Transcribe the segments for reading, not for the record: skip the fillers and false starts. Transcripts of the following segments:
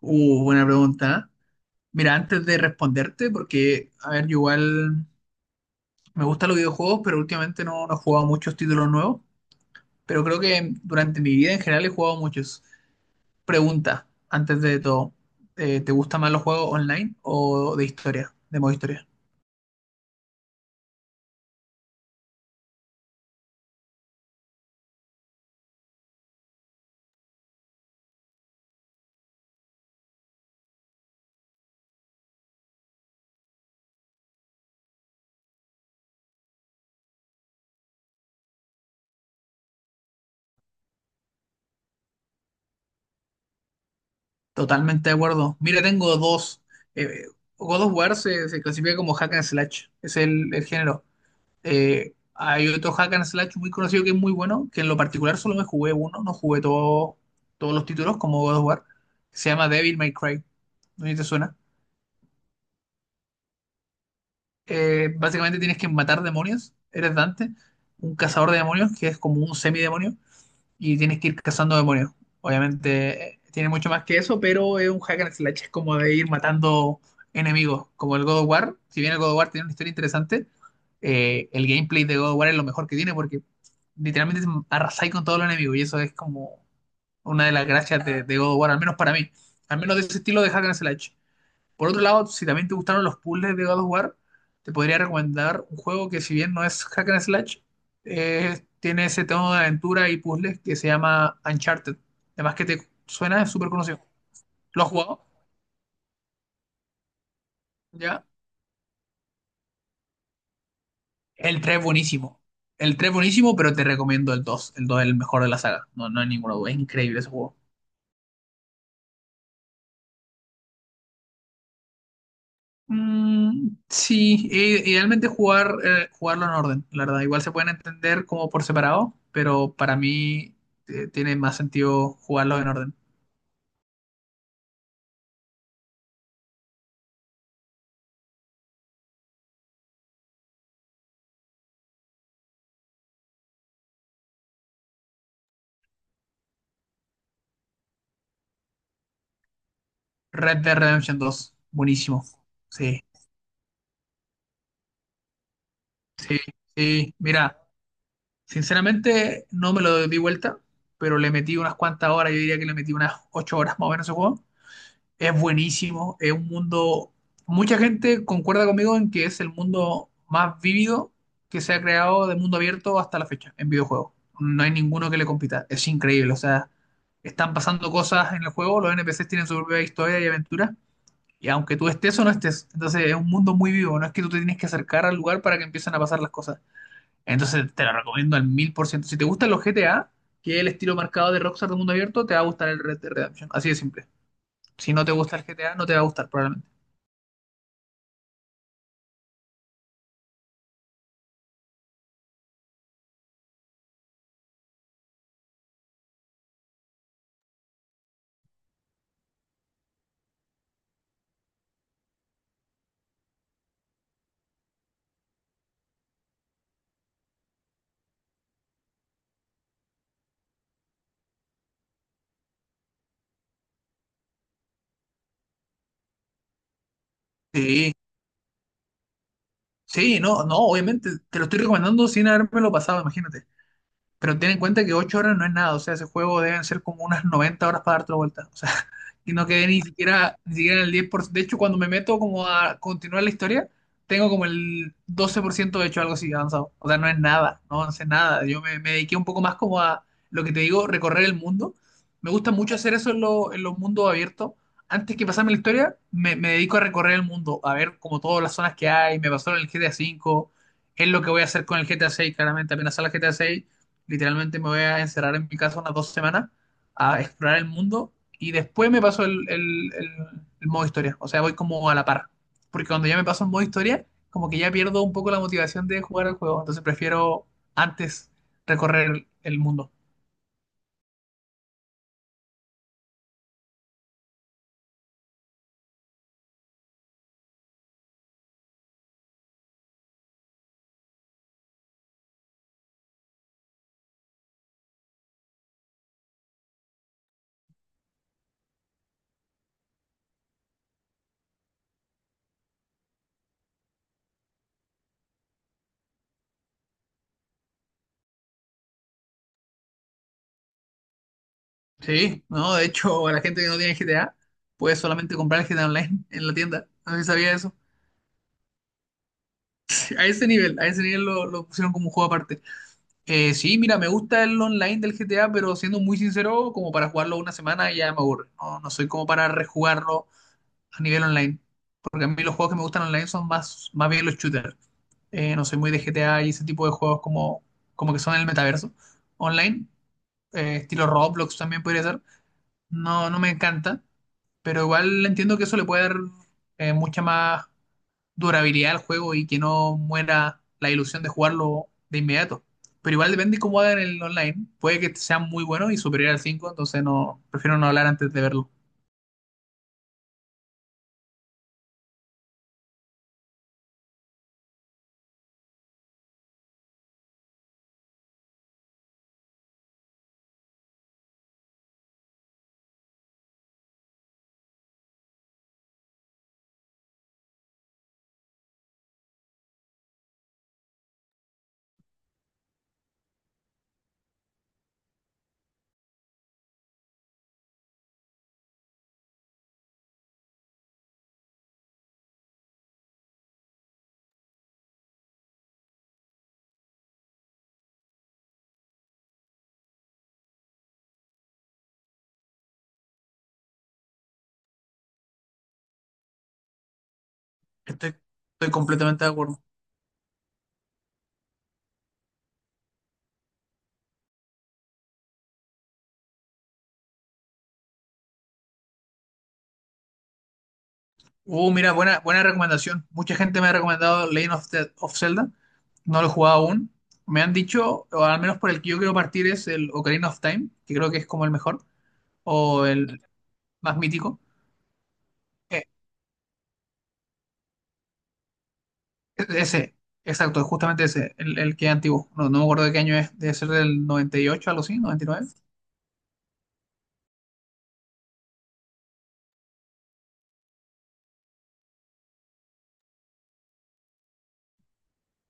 Buena pregunta. Mira, antes de responderte, porque, a ver, yo igual me gustan los videojuegos, pero últimamente no he jugado muchos títulos nuevos, pero creo que durante mi vida en general he jugado muchos. Pregunta, antes de todo, ¿te gustan más los juegos online o de historia, de modo historia? Totalmente de acuerdo. Mira, tengo dos. Eh, God of War se clasifica como hack and slash, es el género. Hay otro hack and slash muy conocido que es muy bueno, que en lo particular solo me jugué uno, no jugué todos los títulos como God of War. Se llama Devil May Cry. ¿No sé si te suena? Básicamente tienes que matar demonios. Eres Dante, un cazador de demonios que es como un semidemonio y tienes que ir cazando demonios. Obviamente tiene mucho más que eso, pero es un hack and slash, es como de ir matando enemigos, como el God of War. Si bien el God of War tiene una historia interesante, el gameplay de God of War es lo mejor que tiene porque literalmente arrasáis con todos los enemigos y eso es como una de las gracias de God of War, al menos para mí, al menos de ese estilo de hack and slash. Por otro lado, si también te gustaron los puzzles de God of War, te podría recomendar un juego que si bien no es hack and slash, tiene ese tono de aventura y puzzles que se llama Uncharted. Además que te suena, es súper conocido. ¿Lo has jugado? ¿Ya? El 3 es buenísimo. El tres buenísimo, pero te recomiendo el 2. El 2 es el mejor de la saga. No hay ninguna duda. Es increíble ese juego. Mm, sí, idealmente jugar, jugarlo en orden, la verdad. Igual se pueden entender como por separado, pero para mí tiene más sentido jugarlo en orden. Red Dead Redemption 2, buenísimo. Sí, sí, sí. Mira, sinceramente no me lo di vuelta, pero le metí unas cuantas horas, yo diría que le metí unas 8 horas más o menos a ese juego. Es buenísimo, es un mundo, mucha gente concuerda conmigo en que es el mundo más vívido que se ha creado de mundo abierto hasta la fecha en videojuegos. No hay ninguno que le compita, es increíble, o sea, están pasando cosas en el juego, los NPCs tienen su propia historia y aventura, y aunque tú estés o no estés, entonces es un mundo muy vivo, no es que tú te tienes que acercar al lugar para que empiecen a pasar las cosas. Entonces te lo recomiendo al mil por ciento. Si te gustan los GTA, que es el estilo marcado de Rockstar de mundo abierto, te va a gustar el Red Dead Redemption, así de simple. Si no te gusta el GTA, no te va a gustar probablemente. Sí, sí, no, no, obviamente. Te lo estoy recomendando sin habérmelo pasado, imagínate. Pero ten en cuenta que 8 horas no es nada. O sea, ese juego deben ser como unas 90 horas para darte la vuelta. O sea, y no quedé ni siquiera, ni siquiera en el 10%. De hecho, cuando me meto como a continuar la historia, tengo como el 12% hecho, algo así avanzado. O sea, no es nada, no avancé nada. Yo me dediqué un poco más como a lo que te digo, recorrer el mundo. Me gusta mucho hacer eso en, en los mundos abiertos. Antes que pasarme la historia, me dedico a recorrer el mundo, a ver como todas las zonas que hay. Me pasó en el GTA V, es lo que voy a hacer con el GTA 6, claramente. Apenas sale el GTA 6, literalmente me voy a encerrar en mi casa unas 2 semanas a explorar el mundo y después me paso el modo historia. O sea, voy como a la par. Porque cuando ya me paso el modo historia, como que ya pierdo un poco la motivación de jugar al juego. Entonces prefiero antes recorrer el mundo. Sí, no, de hecho, a la gente que no tiene GTA puede solamente comprar el GTA Online en la tienda. No sé si sabía eso. A ese nivel lo pusieron como un juego aparte. Sí, mira, me gusta el online del GTA, pero siendo muy sincero, como para jugarlo una semana ya me aburre. No soy como para rejugarlo a nivel online. Porque a mí los juegos que me gustan online son más, más bien los shooters. No soy muy de GTA y ese tipo de juegos como, como que son el metaverso online. Estilo Roblox también podría ser. No me encanta, pero igual entiendo que eso le puede dar mucha más durabilidad al juego y que no muera la ilusión de jugarlo de inmediato. Pero igual depende de cómo hagan el online. Puede que sea muy bueno y superior al 5 entonces no, prefiero no hablar antes de verlo. Estoy, estoy completamente de acuerdo. Mira, buena recomendación. Mucha gente me ha recomendado Legend of Zelda. No lo he jugado aún. Me han dicho, o al menos por el que yo quiero partir, es el Ocarina of Time, que creo que es como el mejor, o el más mítico. Eh, e-, ese, exacto, justamente ese, el que es antiguo. No me acuerdo de qué año es, debe ser del 98, algo así, 99.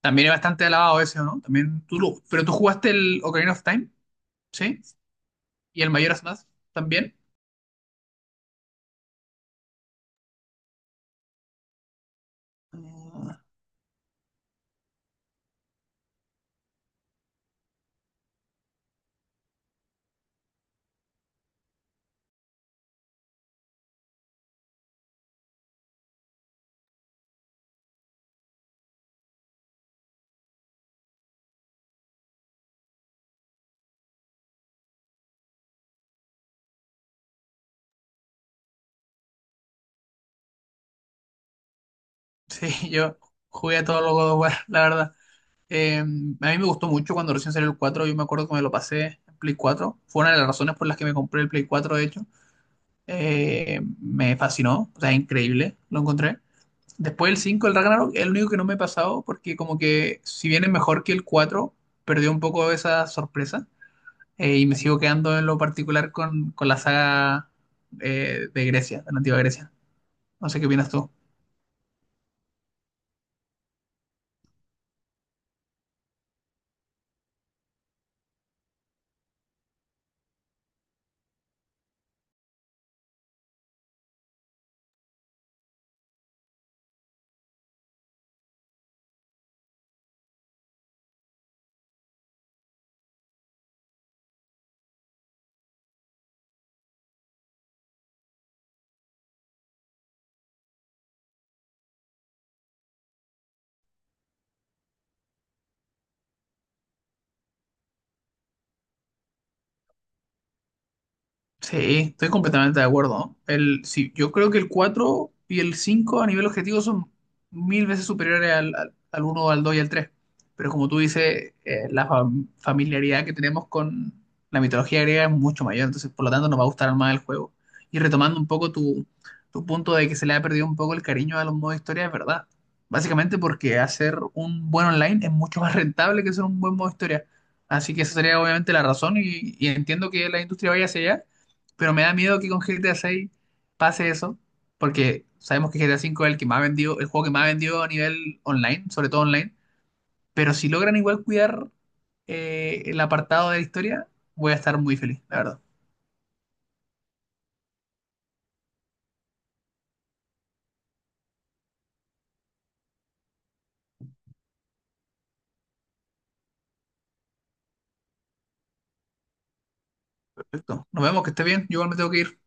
También es bastante alabado ese, ¿no? También pero tú jugaste el Ocarina of Time, ¿sí? Y el Majora's Mask también. Ah, sí, yo jugué a todos los God of War, la verdad. A mí me gustó mucho cuando recién salió el cuatro, yo me acuerdo que me lo pasé en Play cuatro, fue una de las razones por las que me compré el Play 4 de hecho. Me fascinó, o sea, increíble, lo encontré. Después el cinco, el Ragnarok, es el único que no me he pasado porque como que si bien es mejor que el 4 perdió un poco esa sorpresa, y me sigo quedando en lo particular con la saga de Grecia, de la antigua Grecia. No sé qué opinas tú. Sí, estoy completamente de acuerdo. El, sí, yo creo que el 4 y el 5 a nivel objetivo son mil veces superiores al, al, al 1, al 2 y al 3. Pero como tú dices, familiaridad que tenemos con la mitología griega es mucho mayor, entonces por lo tanto nos va a gustar más el juego. Y retomando un poco tu punto de que se le ha perdido un poco el cariño a los modos historia, es verdad. Básicamente porque hacer un buen online es mucho más rentable que hacer un buen modo historia. Así que esa sería obviamente la razón, y entiendo que la industria vaya hacia allá, pero me da miedo que con GTA 6 pase eso, porque sabemos que GTA 5 es el que más vendió, el juego que más vendió a nivel online, sobre todo online. Pero si logran igual cuidar el apartado de la historia, voy a estar muy feliz, la verdad. Perfecto. Nos vemos, que esté bien. Yo igual me tengo que ir.